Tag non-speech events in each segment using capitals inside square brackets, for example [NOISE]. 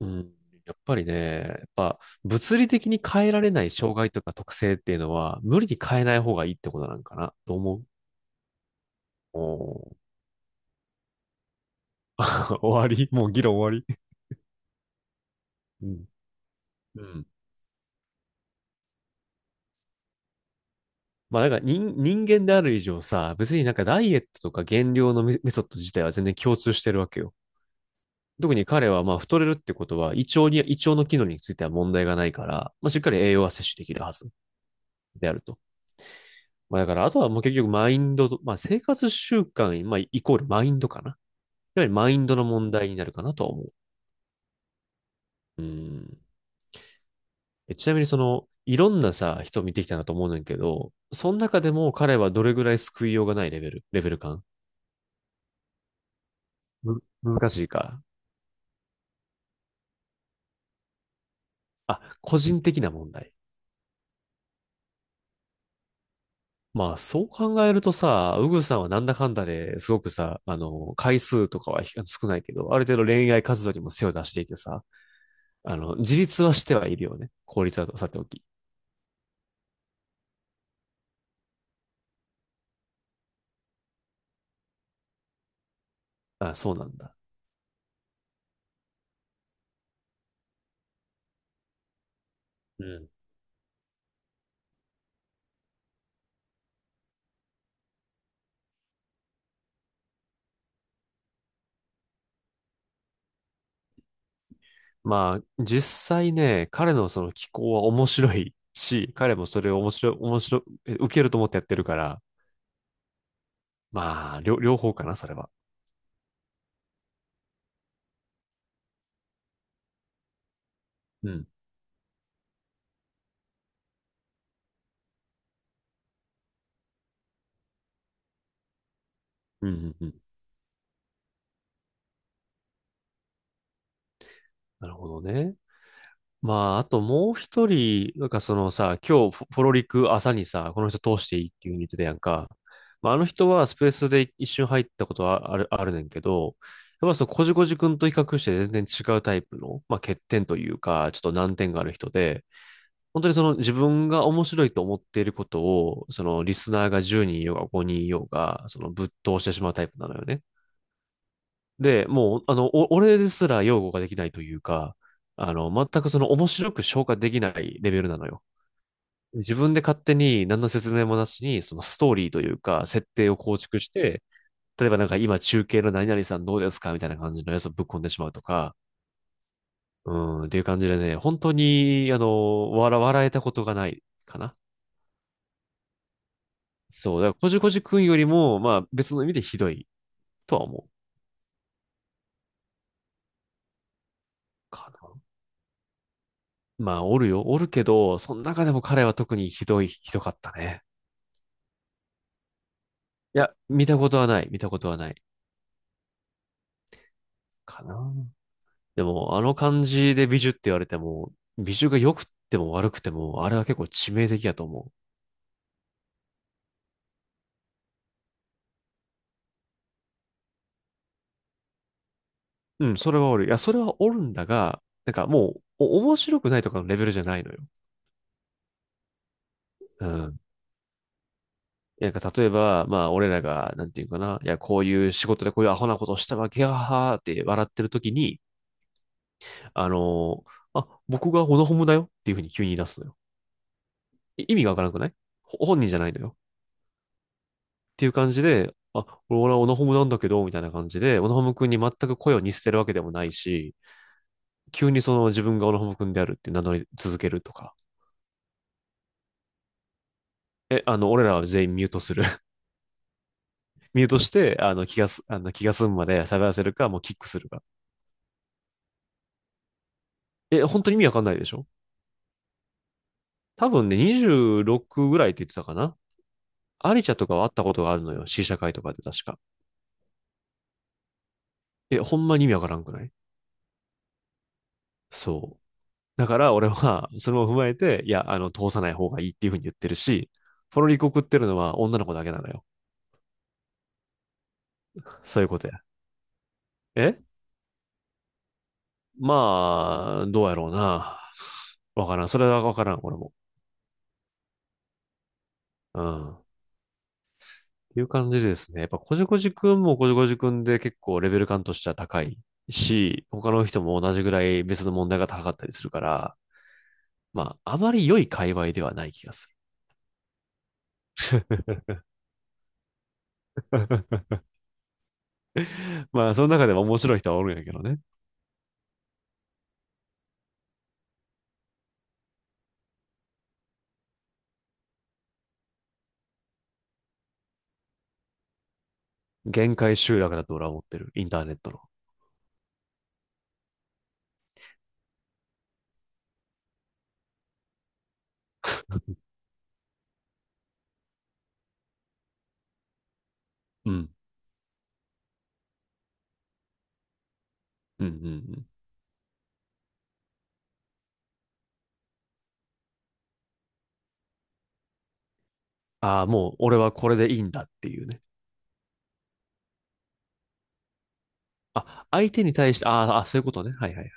うん。やっぱりね、やっぱ物理的に変えられない障害とか特性っていうのは無理に変えない方がいいってことなんかなと思う。おー [LAUGHS] 終わり、もう議論終わり。うん。うん。まあなんか人間である以上さ、別になんかダイエットとか減量のメソッド自体は全然共通してるわけよ。特に彼はまあ太れるってことは胃腸の機能については問題がないから、まあしっかり栄養は摂取できるはずであると。まあだからあとはもう結局マインドと、まあ生活習慣、まあイコールマインドかな。やはりマインドの問題になるかなとは思う。うん。ちなみにその、いろんなさ、人見てきたなと思うねんけど、その中でも彼はどれぐらい救いようがないレベル、レベル感、難しいか。あ、個人的な問題。まあ、そう考えるとさ、ウグさんはなんだかんだですごくさ、回数とかは少ないけど、ある程度恋愛活動にも背を出していてさ、自立はしてはいるよね。効率はさておき。あ、そうなんだ。うん。まあ、実際ね、彼のその気候は面白いし、[LAUGHS] 彼もそれを面白い、受けると思ってやってるから、まあ、両方かな、それは。うん。うん。なるほどね。まあ、あともう一人、なんかそのさ、今日フォロリク朝にさ、この人通していいっていう風に言ってたやんか。まあ、あの人はスペースで一瞬入ったことはあるねんけど、やっぱそのこじこじくんと比較して全然違うタイプの、まあ、欠点というか、ちょっと難点がある人で、本当にその自分が面白いと思っていることを、そのリスナーが10人いようが5人いようが、そのぶっ通してしまうタイプなのよね。で、もう、あの、俺ですら擁護ができないというか、あの、全くその面白く消化できないレベルなのよ。自分で勝手に何の説明もなしに、そのストーリーというか、設定を構築して、例えばなんか今中継の何々さんどうですかみたいな感じのやつをぶっ込んでしまうとか、うっていう感じでね、本当に、あの、笑えたことがないかな。そう、だからこじこじくんよりも、まあ別の意味でひどいとは思うかな。まあおるよ、おるけど、その中でも彼は特にひどかったね。いや、見たことはないかな。でも、あの感じで美女って言われても、美女が良くても悪くても、あれは結構致命的やと思う。うん、それはおる。いや、それはおるんだが、なんかもう、面白くないとかのレベルじゃないのよ。うん。いや、なんか例えば、まあ、俺らが、なんていうかな、いや、こういう仕事でこういうアホなことをしたわけやはーって笑ってる時に、あのー僕がオノホムだよっていうふうに急に言い出すのよ。意味がわからなくない？本人じゃないのよ。っていう感じで、あ、俺はオナホムなんだけど、みたいな感じで、オナホム君に全く声を似せてるわけでもないし、急にその自分がオナホム君であるって名乗り続けるとか。え、あの、俺らは全員ミュートする。[LAUGHS] ミュートして、あの、気が済むまで喋らせるか、もうキックするか。え、本当に意味わかんないでしょ？多分ね、26ぐらいって言ってたかな。アリチャとかは会ったことがあるのよ。試写会とかで確か。え、ほんまに意味わからんくない？そう。だから俺は、[LAUGHS] それも踏まえて、いや、あの、通さない方がいいっていうふうに言ってるし、ポロリコ食ってるのは女の子だけなのよ。そういうことや。えまあ、どうやろうな。わからん。それはわからん、俺も。うん。っていう感じですね。やっぱ、こじこじくんもこじこじくんで結構レベル感としては高いし、他の人も同じぐらい別の問題が高かったりするから、まあ、あまり良い界隈ではない気がする。[LAUGHS] まあ、その中でも面白い人はおるんやけどね。限界集落だと俺は思ってる。インターネットの。うん。うん。ああ、もう俺はこれでいいんだっていうね。あ、相手に対して、あーあ、そういうことね。はいはいはい。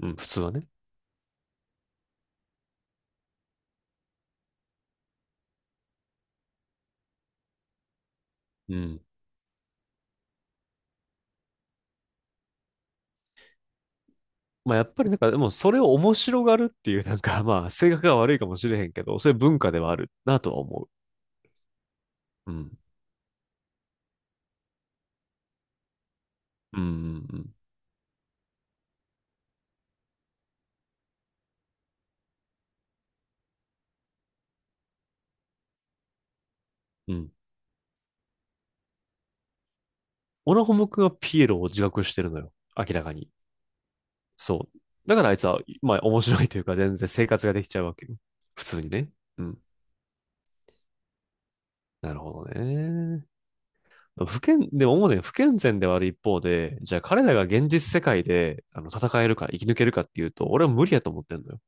うん、普通はね。うん。まあやっぱりなんか、でもそれを面白がるっていう、なんかまあ性格が悪いかもしれへんけど、そういう文化ではあるなとは思う。うん。うんうんうん。うん。オナホモ君はピエロを自覚してるのよ。明らかに。そう。だからあいつは、まあ面白いというか全然生活ができちゃうわけよ。普通にね。うん。なるほどね。でも思うね、不健全ではある一方で、じゃあ彼らが現実世界であの戦えるか生き抜けるかっていうと、俺は無理やと思ってんのよ。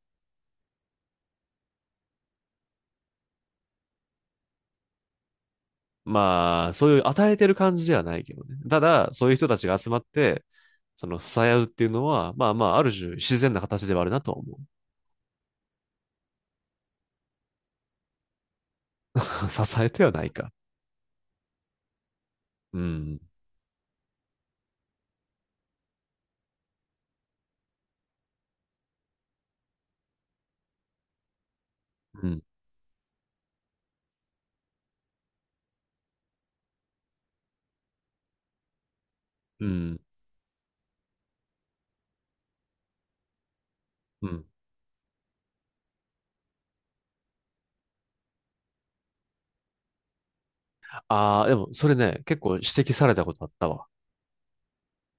まあ、そういう与えてる感じではないけどね。ただ、そういう人たちが集まって、その支え合うっていうのは、まあまあ、ある種自然な形ではあるなと思う。[LAUGHS] 支えてはないか。うん。うん。うん。うん。ああ、でもそれね、結構指摘されたことあったわ。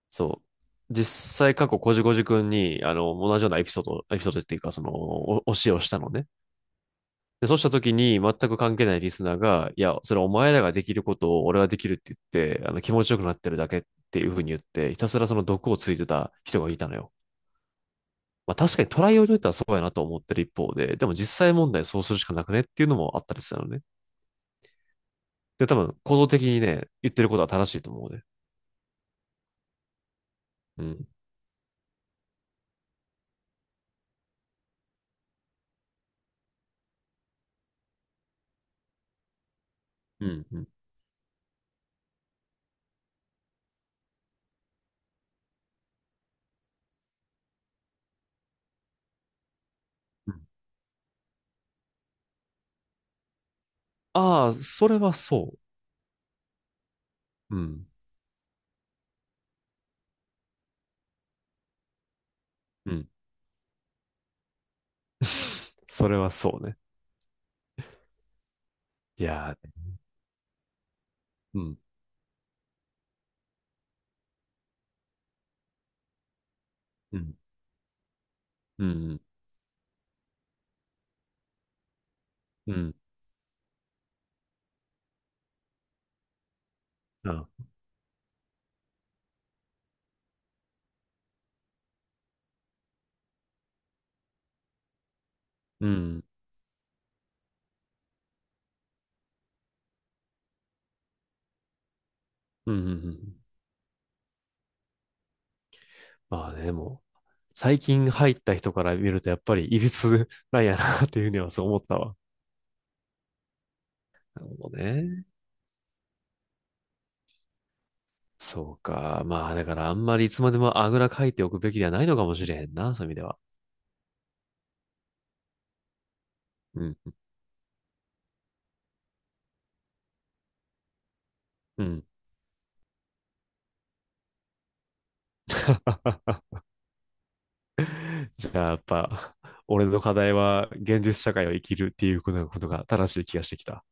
そう。実際過去こじこじくんに、あの、同じようなエピソードっていうか、その、教えをしたのね。で、そうした時に全く関係ないリスナーが、いや、それお前らができることを俺はできるって言って、あの、気持ちよくなってるだけっていうふうに言って、ひたすらその毒をついてた人がいたのよ。まあ確かにトライを言ったらそうやなと思ってる一方で、でも実際問題そうするしかなくねっていうのもあったりしたのね。で、多分、行動的にね、言ってることは正しいと思うね。うん。うん。うん。ああ、それはそう。うん。うん。[LAUGHS] それはそうね。いやー、うん。うん。うん。うん。あ、うん。うん。うん。まあね、もう、最近入った人から見ると、やっぱり、いびつなんやな、っていうふうにはそう思ったわ。なるほどね。そうか。まあ、だからあんまりいつまでもあぐらかいておくべきではないのかもしれへんな、そういう意味では。うん。うん。[LAUGHS] じゃあ、やっぱ、俺の課題は現実社会を生きるっていうことが正しい気がしてきた。